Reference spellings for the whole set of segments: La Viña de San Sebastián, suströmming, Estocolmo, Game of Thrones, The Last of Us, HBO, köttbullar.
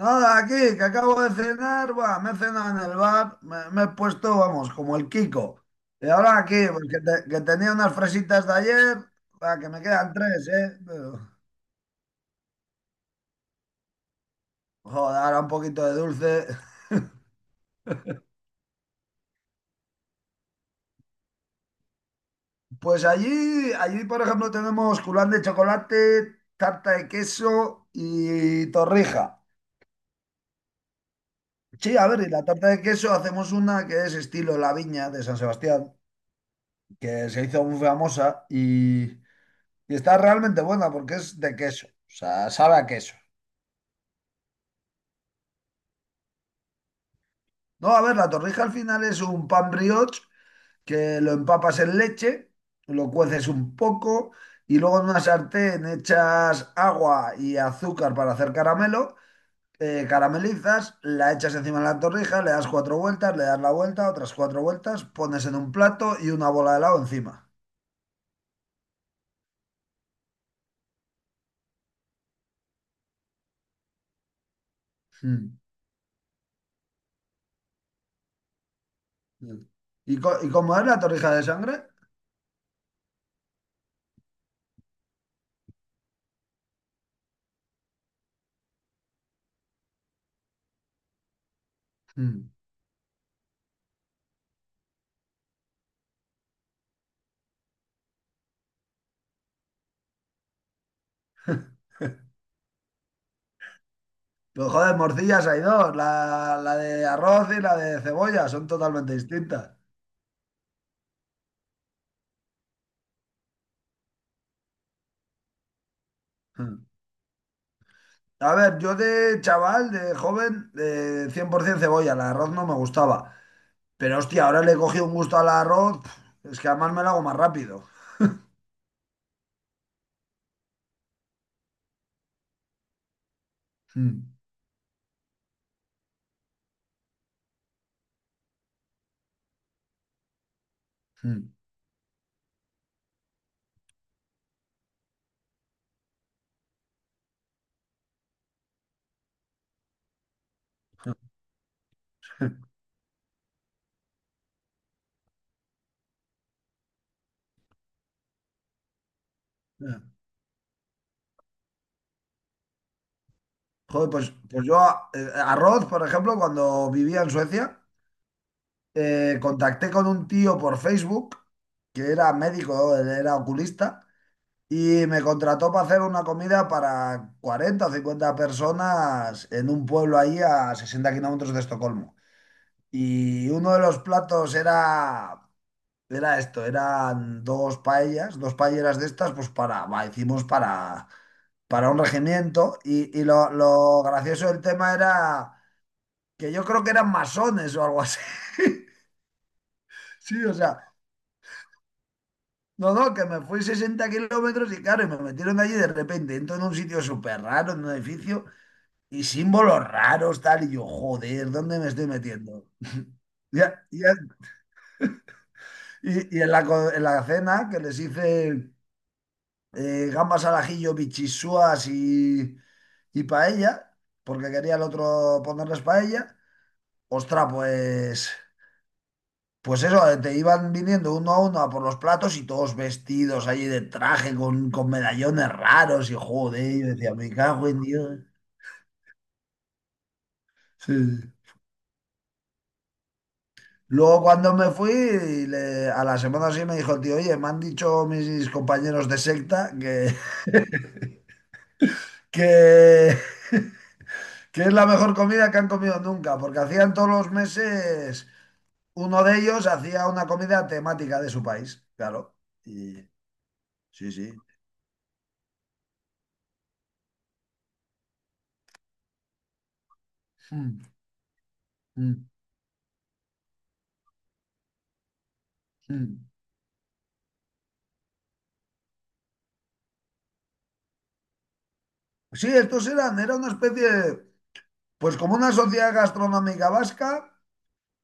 Nada, aquí, que acabo de cenar, buah, me he cenado en el bar, me he puesto, vamos, como el Kiko. Y ahora aquí, pues, que tenía unas fresitas de ayer, buah, que me quedan tres, ¿eh? Pero, joder, ahora un poquito de dulce. Pues allí, por ejemplo, tenemos culán de chocolate, tarta de queso y torrija. Sí, a ver, y la tarta de queso hacemos una que es estilo La Viña de San Sebastián, que se hizo muy famosa. Y está realmente buena porque es de queso. O sea, sabe a queso. No, a ver, la torrija al final es un pan brioche que lo empapas en leche, lo cueces un poco y luego en una sartén echas agua y azúcar para hacer caramelo. Caramelizas, la echas encima de la torrija, le das cuatro vueltas, le das la vuelta, otras cuatro vueltas, pones en un plato y una bola de helado encima. Mm, mm. ¿Y, y cómo es la torrija de sangre? Mm. Pues joder, morcillas hay dos, la de arroz y la de cebolla, son totalmente distintas. Hmm. A ver, yo de chaval, de joven, de 100% cebolla, el arroz no me gustaba. Pero hostia, ahora le he cogido un gusto al arroz, pf, es que además me lo hago más rápido. Hmm, hmm, hmm. hmm. Joder, pues yo arroz, por ejemplo, cuando vivía en Suecia, contacté con un tío por Facebook que era médico, él era oculista. Y me contrató para hacer una comida para 40 o 50 personas en un pueblo ahí a 60 kilómetros de Estocolmo. Y uno de los platos era esto, eran dos paellas, dos paelleras de estas, pues para, va, hicimos para un regimiento. Y lo gracioso del tema era que yo creo que eran masones o algo así. Sí, o sea, no, no, que me fui 60 kilómetros y claro, y me metieron allí de repente, entro en un sitio súper raro, en un edificio. Y símbolos raros, tal, y yo, joder, ¿dónde me estoy metiendo? Ya- ya- y en en la cena que les hice gambas al ajillo, bichisuas y paella, porque quería el otro ponerles paella, ostras, pues eso, te iban viniendo uno a uno a por los platos y todos vestidos allí de traje con medallones raros y joder, yo decía, me cago en Dios. Sí, sí. Luego cuando me fui, a la semana sí me dijo el tío, oye, me han dicho mis compañeros de secta que, que, que es la mejor comida que han comido nunca, porque hacían todos los meses, uno de ellos hacía una comida temática de su país, claro. Y sí, sí. Mm, mm, mm. Sí, era una especie, pues como una sociedad gastronómica vasca,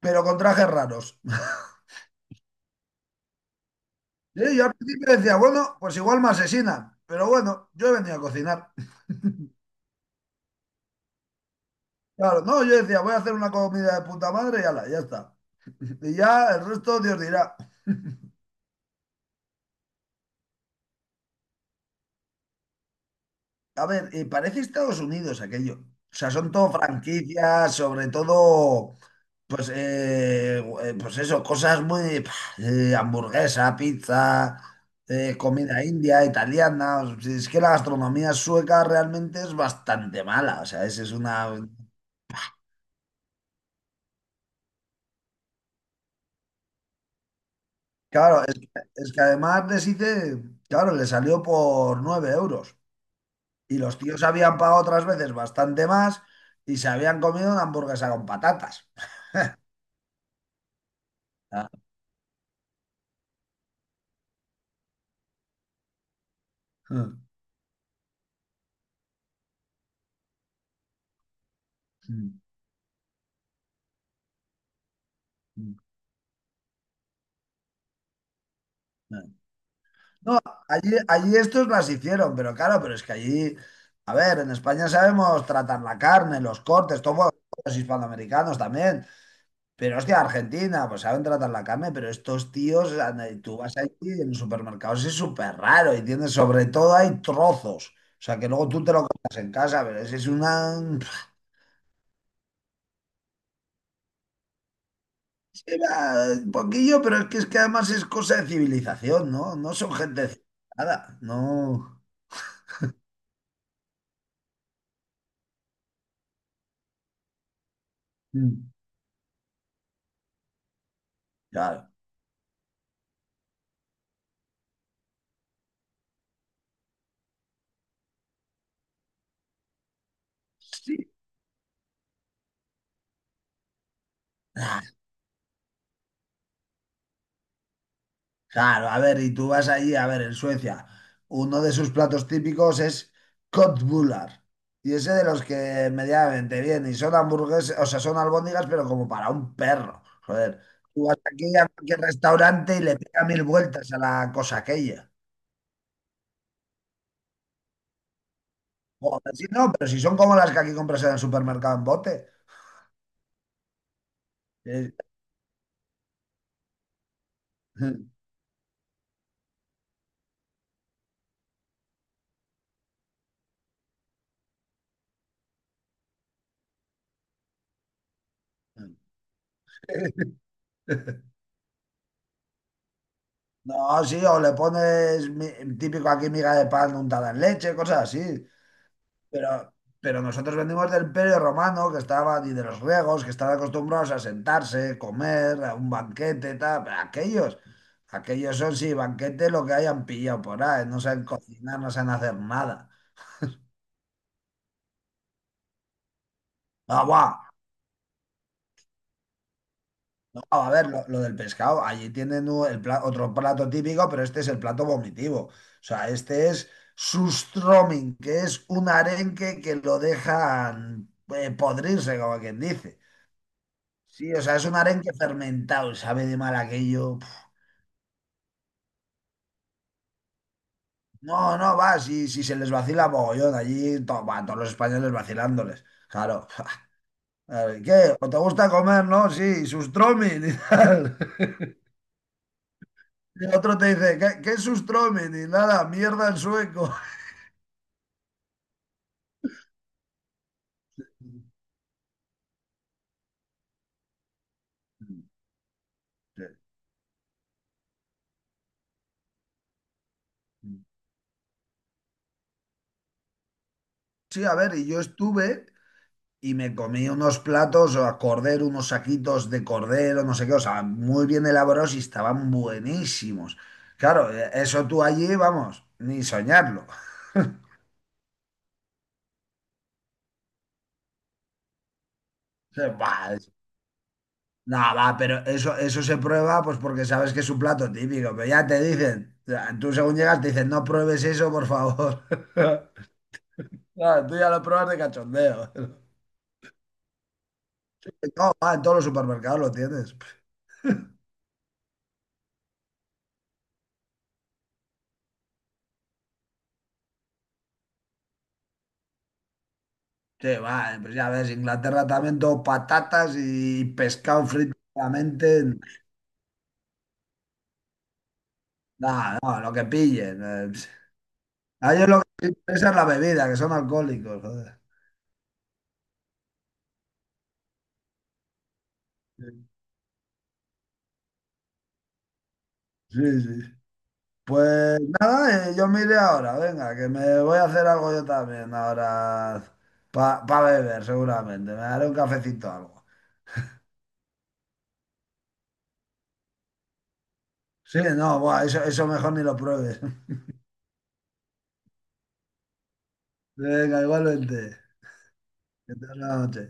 pero con trajes raros. Sí, yo al principio decía, bueno, pues igual me asesinan, pero bueno, yo he venido a cocinar. Claro, no, yo decía, voy a hacer una comida de puta madre y ala, ya está. Y ya el resto Dios dirá. A ver, parece Estados Unidos aquello. O sea, son todo franquicias, sobre todo, pues, eh, pues eso, cosas muy, pah, hamburguesa, pizza, comida india, italiana. O sea, es que la gastronomía sueca realmente es bastante mala. O sea, es una. Claro, es que además les hice, claro, le salió por 9 euros. Y los tíos habían pagado otras veces bastante más y se habían comido una hamburguesa con patatas. Ah. Mm, mm, mm, ah. No, allí estos las hicieron, pero claro, pero es que allí, a ver, en España sabemos tratar la carne, los cortes, todos los hispanoamericanos también. Pero hostia, Argentina, pues saben tratar la carne, pero estos tíos, anda, y tú vas allí en los supermercados, es súper raro, y tienes, sobre todo hay trozos. O sea, que luego tú te lo comes en casa, pero ese es una... era. Un poquillo, pero es que además es cosa de civilización, ¿no? No son gente civilizada, no... Mm, claro. Sí. Claro, a ver, y tú vas allí, a ver, en Suecia, uno de sus platos típicos es köttbullar. Y ese de los que medianamente bien, y son hamburguesas, o sea, son albóndigas, pero como para un perro. Joder, tú vas aquí a cualquier restaurante y le pega 1000 vueltas a la cosa aquella. Joder, sí, no, pero si son como las que aquí compras en el supermercado en bote. Eh, No, sí, o le pones típico aquí miga de pan untada en leche, cosas así. Pero, pero nosotros venimos del Imperio Romano, que estaban, y de los griegos, que estaban acostumbrados a sentarse, comer, a un banquete, tal. Pero aquellos, aquellos son, sí, banquete lo que hayan pillado por ahí, no saben cocinar, no saben hacer nada. Ah, guau, a ver, lo del pescado, allí tienen otro plato típico, pero este es el plato vomitivo. O sea, este es sustroming, que es un arenque que lo dejan podrirse, como quien dice. Sí, o sea, es un arenque fermentado, sabe de mal aquello. Puf. No, no, va, si se les vacila mogollón allí, va, todos los españoles vacilándoles. Claro. A ver, ¿qué? ¿O te gusta comer, no? Sí, sustromin y tal. Y el otro te dice, qué es sustromin? Y nada, mierda en sueco. Sí, a ver, y yo estuve, y me comí unos platos o a cordero, unos saquitos de cordero, no sé qué, o sea, muy bien elaborados y estaban buenísimos. Claro, eso tú allí, vamos, ni soñarlo. Se- bah, es- no, va, pero eso se prueba pues porque sabes que es un plato típico, pero ya te dicen, o tú según llegas te dicen, no pruebes eso, por favor. Claro, tú ya lo pruebas de cachondeo. No, va, en todos los supermercados lo tienes. Sí, va, pues ya ves, Inglaterra también todo patatas y pescado frito solamente. No, no, lo que pillen. A ellos lo que les interesa es la bebida, que son alcohólicos, joder. Sí, sí. Pues nada, yo me iré ahora, venga, que me voy a hacer algo yo también ahora para beber, seguramente. Me haré un cafecito o algo. Sí, no, buah, eso mejor ni lo pruebes. Venga, igualmente. Que tengas buena noche.